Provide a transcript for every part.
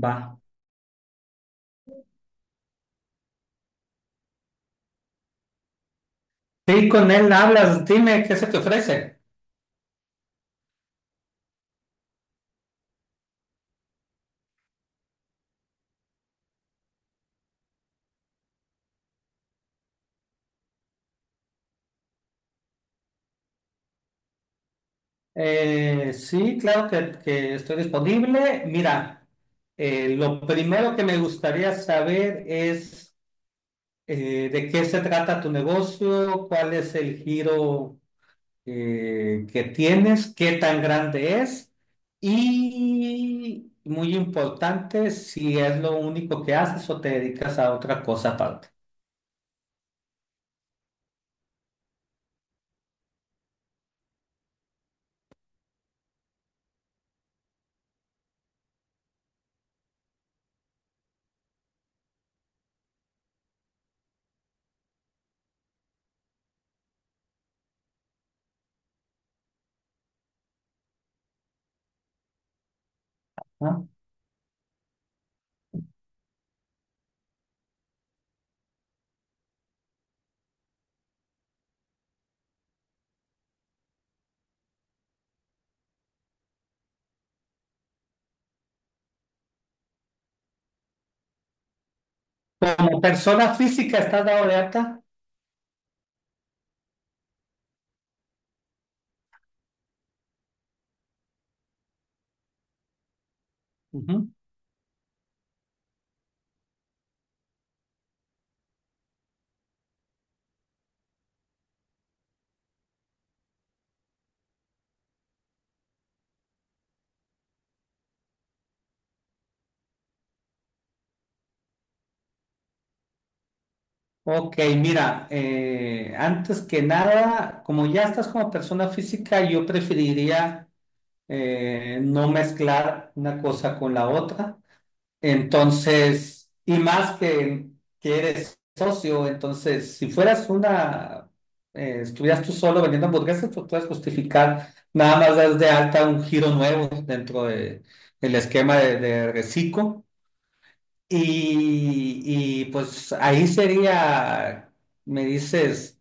Va. Sí, con él hablas, dime qué se te ofrece. Sí, claro que estoy disponible. Mira, lo primero que me gustaría saber es de qué se trata tu negocio, cuál es el giro que tienes, qué tan grande es y, muy importante, si es lo único que haces o te dedicas a otra cosa aparte. ¿No? Como persona física, ¿estás dado de alta? Ok, mira, antes que nada, como ya estás como persona física, yo preferiría no mezclar una cosa con la otra. Entonces, y más que eres socio, entonces, si fueras estuvieras tú solo vendiendo hamburguesas, pues puedes justificar nada más das de alta un giro nuevo del esquema de Recico. Pues ahí sería, me dices,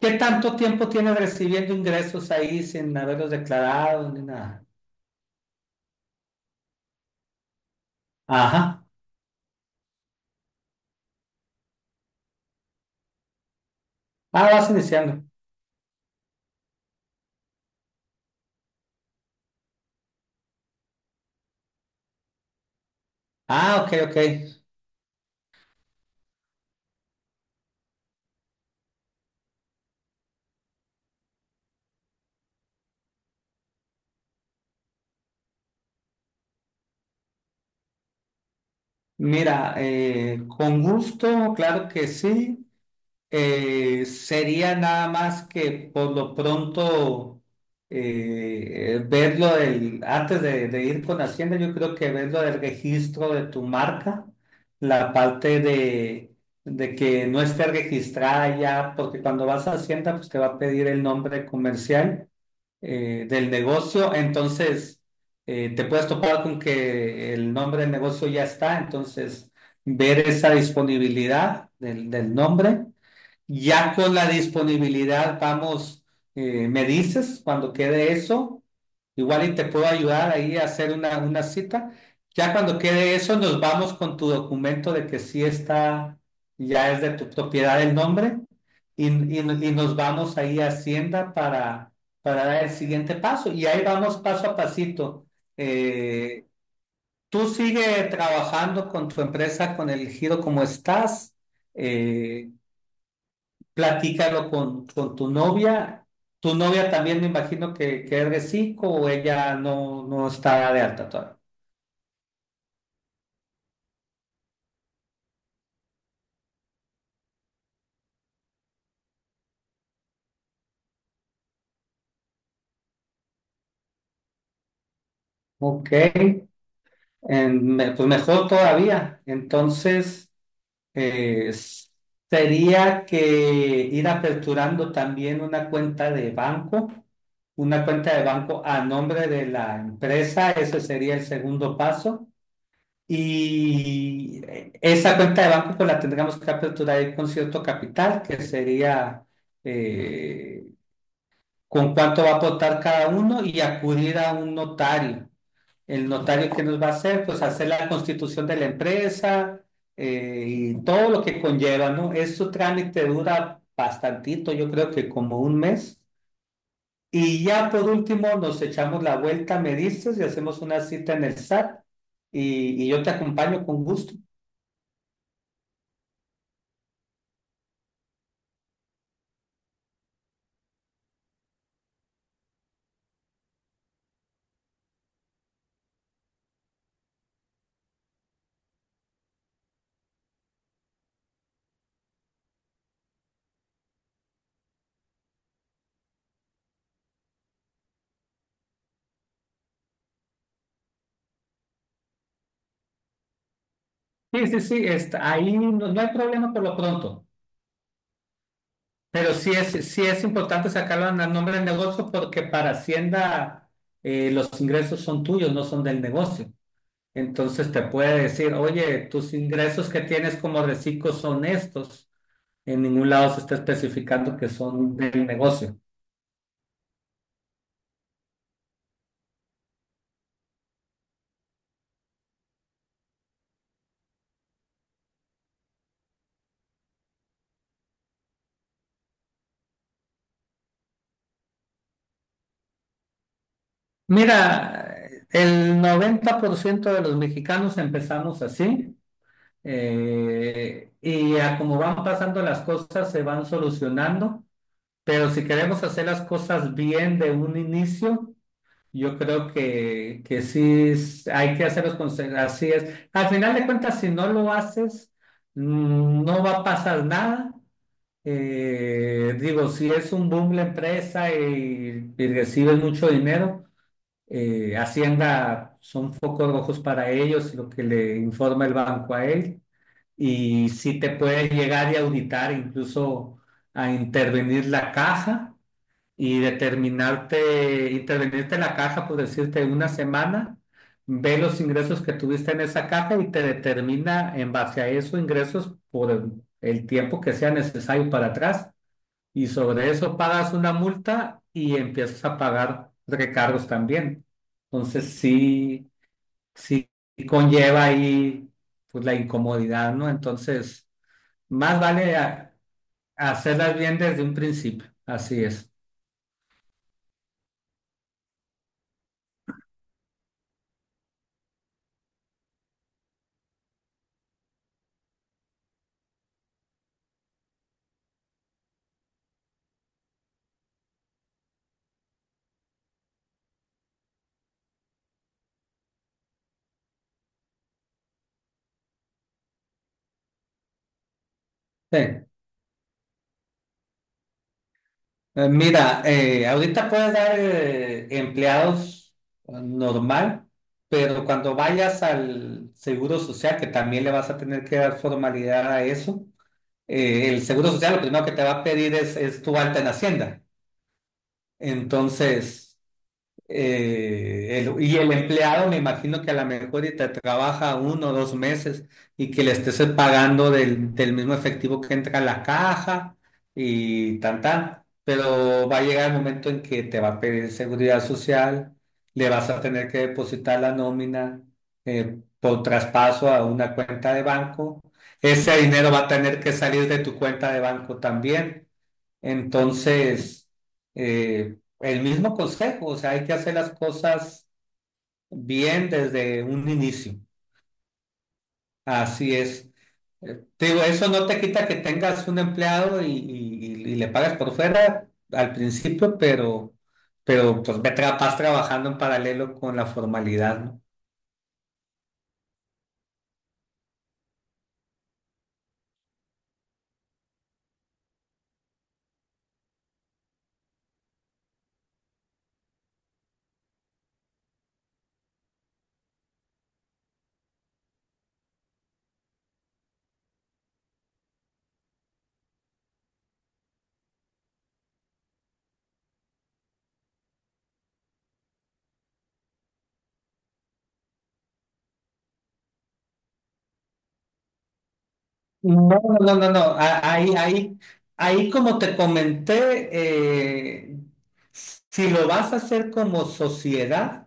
¿qué tanto tiempo tienes recibiendo ingresos ahí sin haberlos declarado ni nada? Ajá. Ah, vas iniciando. Ah, ok, ok. Mira, con gusto, claro que sí. Sería nada más que por lo pronto antes de ir con Hacienda, yo creo que verlo del registro de tu marca, la parte de que no esté registrada ya, porque cuando vas a Hacienda, pues te va a pedir el nombre comercial del negocio, entonces te puedes topar con que el nombre del negocio ya está, entonces ver esa disponibilidad del nombre. Ya con la disponibilidad vamos, me dices cuando quede eso, igual y te puedo ayudar ahí a hacer una cita. Ya cuando quede eso, nos vamos con tu documento de que sí está, ya es de tu propiedad el nombre y, y- y nos vamos ahí a Hacienda para dar el siguiente paso. Y ahí vamos paso a pasito. Eh, tú sigue trabajando con tu empresa, con el giro como estás. Eh, Platícalo con tu novia. Tu novia también me imagino que es de cinco o ella no, no está de alta todavía. Ok, pues mejor todavía. Entonces, eh, s- sería que ir aperturando también una cuenta de banco, una cuenta de banco a nombre de la empresa, ese sería el segundo paso. Y esa cuenta de banco pues la tendríamos que aperturar ahí con cierto capital, que sería eh, con cuánto va a aportar cada uno y acudir a un notario. El notario que nos va a hacer, pues hacer la constitución de la empresa y todo lo que conlleva, ¿no? Este trámite dura bastantito, yo creo que como un mes. Y ya por último nos echamos la vuelta, me dices, y hacemos una cita en el SAT y yo te acompaño con gusto. Sí, sí, sí, está, ahí no, no hay problema por lo pronto, pero sí es importante sacarlo al nombre del negocio porque para Hacienda los ingresos son tuyos, no son del negocio. Entonces te puede decir, oye, tus ingresos que tienes como reciclo son estos. En ningún lado se está especificando que son del negocio. Mira, el 90% de los mexicanos empezamos así y a como van pasando las cosas se van solucionando. Pero si queremos hacer las cosas bien de un inicio, yo creo que hay que hacerlos así es. Al final de cuentas, si no lo haces, no va a pasar nada. Digo, si es un boom la empresa y recibes mucho dinero, Hacienda son focos rojos para ellos y lo que le informa el banco a él. Y si te puede llegar y auditar, incluso a intervenir la caja y determinarte, intervenirte en la caja, por decirte, una semana, ve los ingresos que tuviste en esa caja y te determina en base a esos ingresos por el tiempo que sea necesario para atrás. Y sobre eso pagas una multa y empiezas a pagar recargos también. Entonces sí conlleva ahí pues, la incomodidad, ¿no? Entonces, más vale a- hacerlas bien desde un principio. Así es. Sí. Mira, ahorita puedes dar empleados normal, pero cuando vayas al Seguro Social, que también le vas a tener que dar formalidad a eso, el Seguro Social lo primero que te va a pedir es tu alta en Hacienda. Entonces, y el empleado, me imagino que a lo mejor y te trabaja uno o dos meses y que le estés pagando del mismo efectivo que entra a la caja y tan tan. Pero va a llegar el momento en que te va a pedir seguridad social, le vas a tener que depositar la nómina por traspaso a una cuenta de banco. Ese dinero va a tener que salir de tu cuenta de banco también. Entonces, el mismo consejo, o sea, hay que hacer las cosas bien desde un inicio. Así es. Te digo, eso no te quita que tengas un empleado y le pagas por fuera al principio, pero pues vas trabajando en paralelo con la formalidad, ¿no? No, no, no. Ahí como te comenté, si lo vas a hacer como sociedad,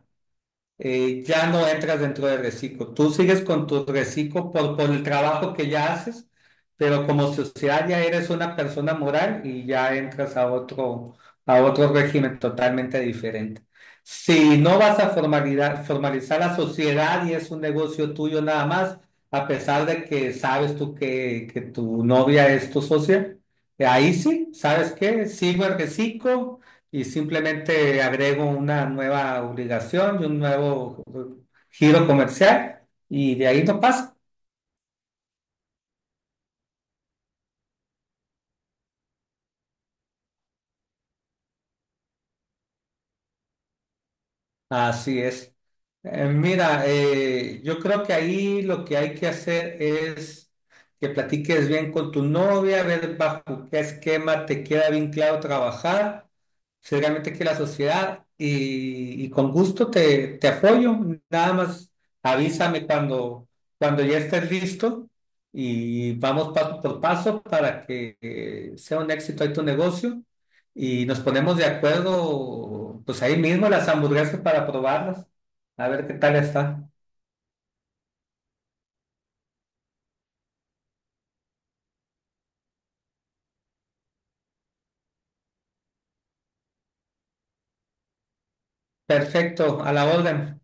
ya no entras dentro de reciclo. Tú sigues con tu reciclo por el trabajo que ya haces, pero como sociedad ya eres una persona moral y ya entras a otro régimen totalmente diferente. Si no vas a formalizar, formalizar la sociedad y es un negocio tuyo nada más, a pesar de que sabes tú que tu novia es tu socia, ahí sí, ¿sabes qué? Sigo el reciclo y simplemente agrego una nueva obligación y un nuevo giro comercial y de ahí no pasa. Así es. Mira, yo creo que ahí lo que hay que hacer es que platiques bien con tu novia, ver bajo qué esquema te queda bien claro trabajar, si realmente que la sociedad y con gusto te apoyo. Nada más avísame cuando, cuando ya estés listo y vamos paso por paso para que sea un éxito ahí tu negocio y nos ponemos de acuerdo, pues ahí mismo las hamburguesas para probarlas, a ver qué tal está. Perfecto, a la orden.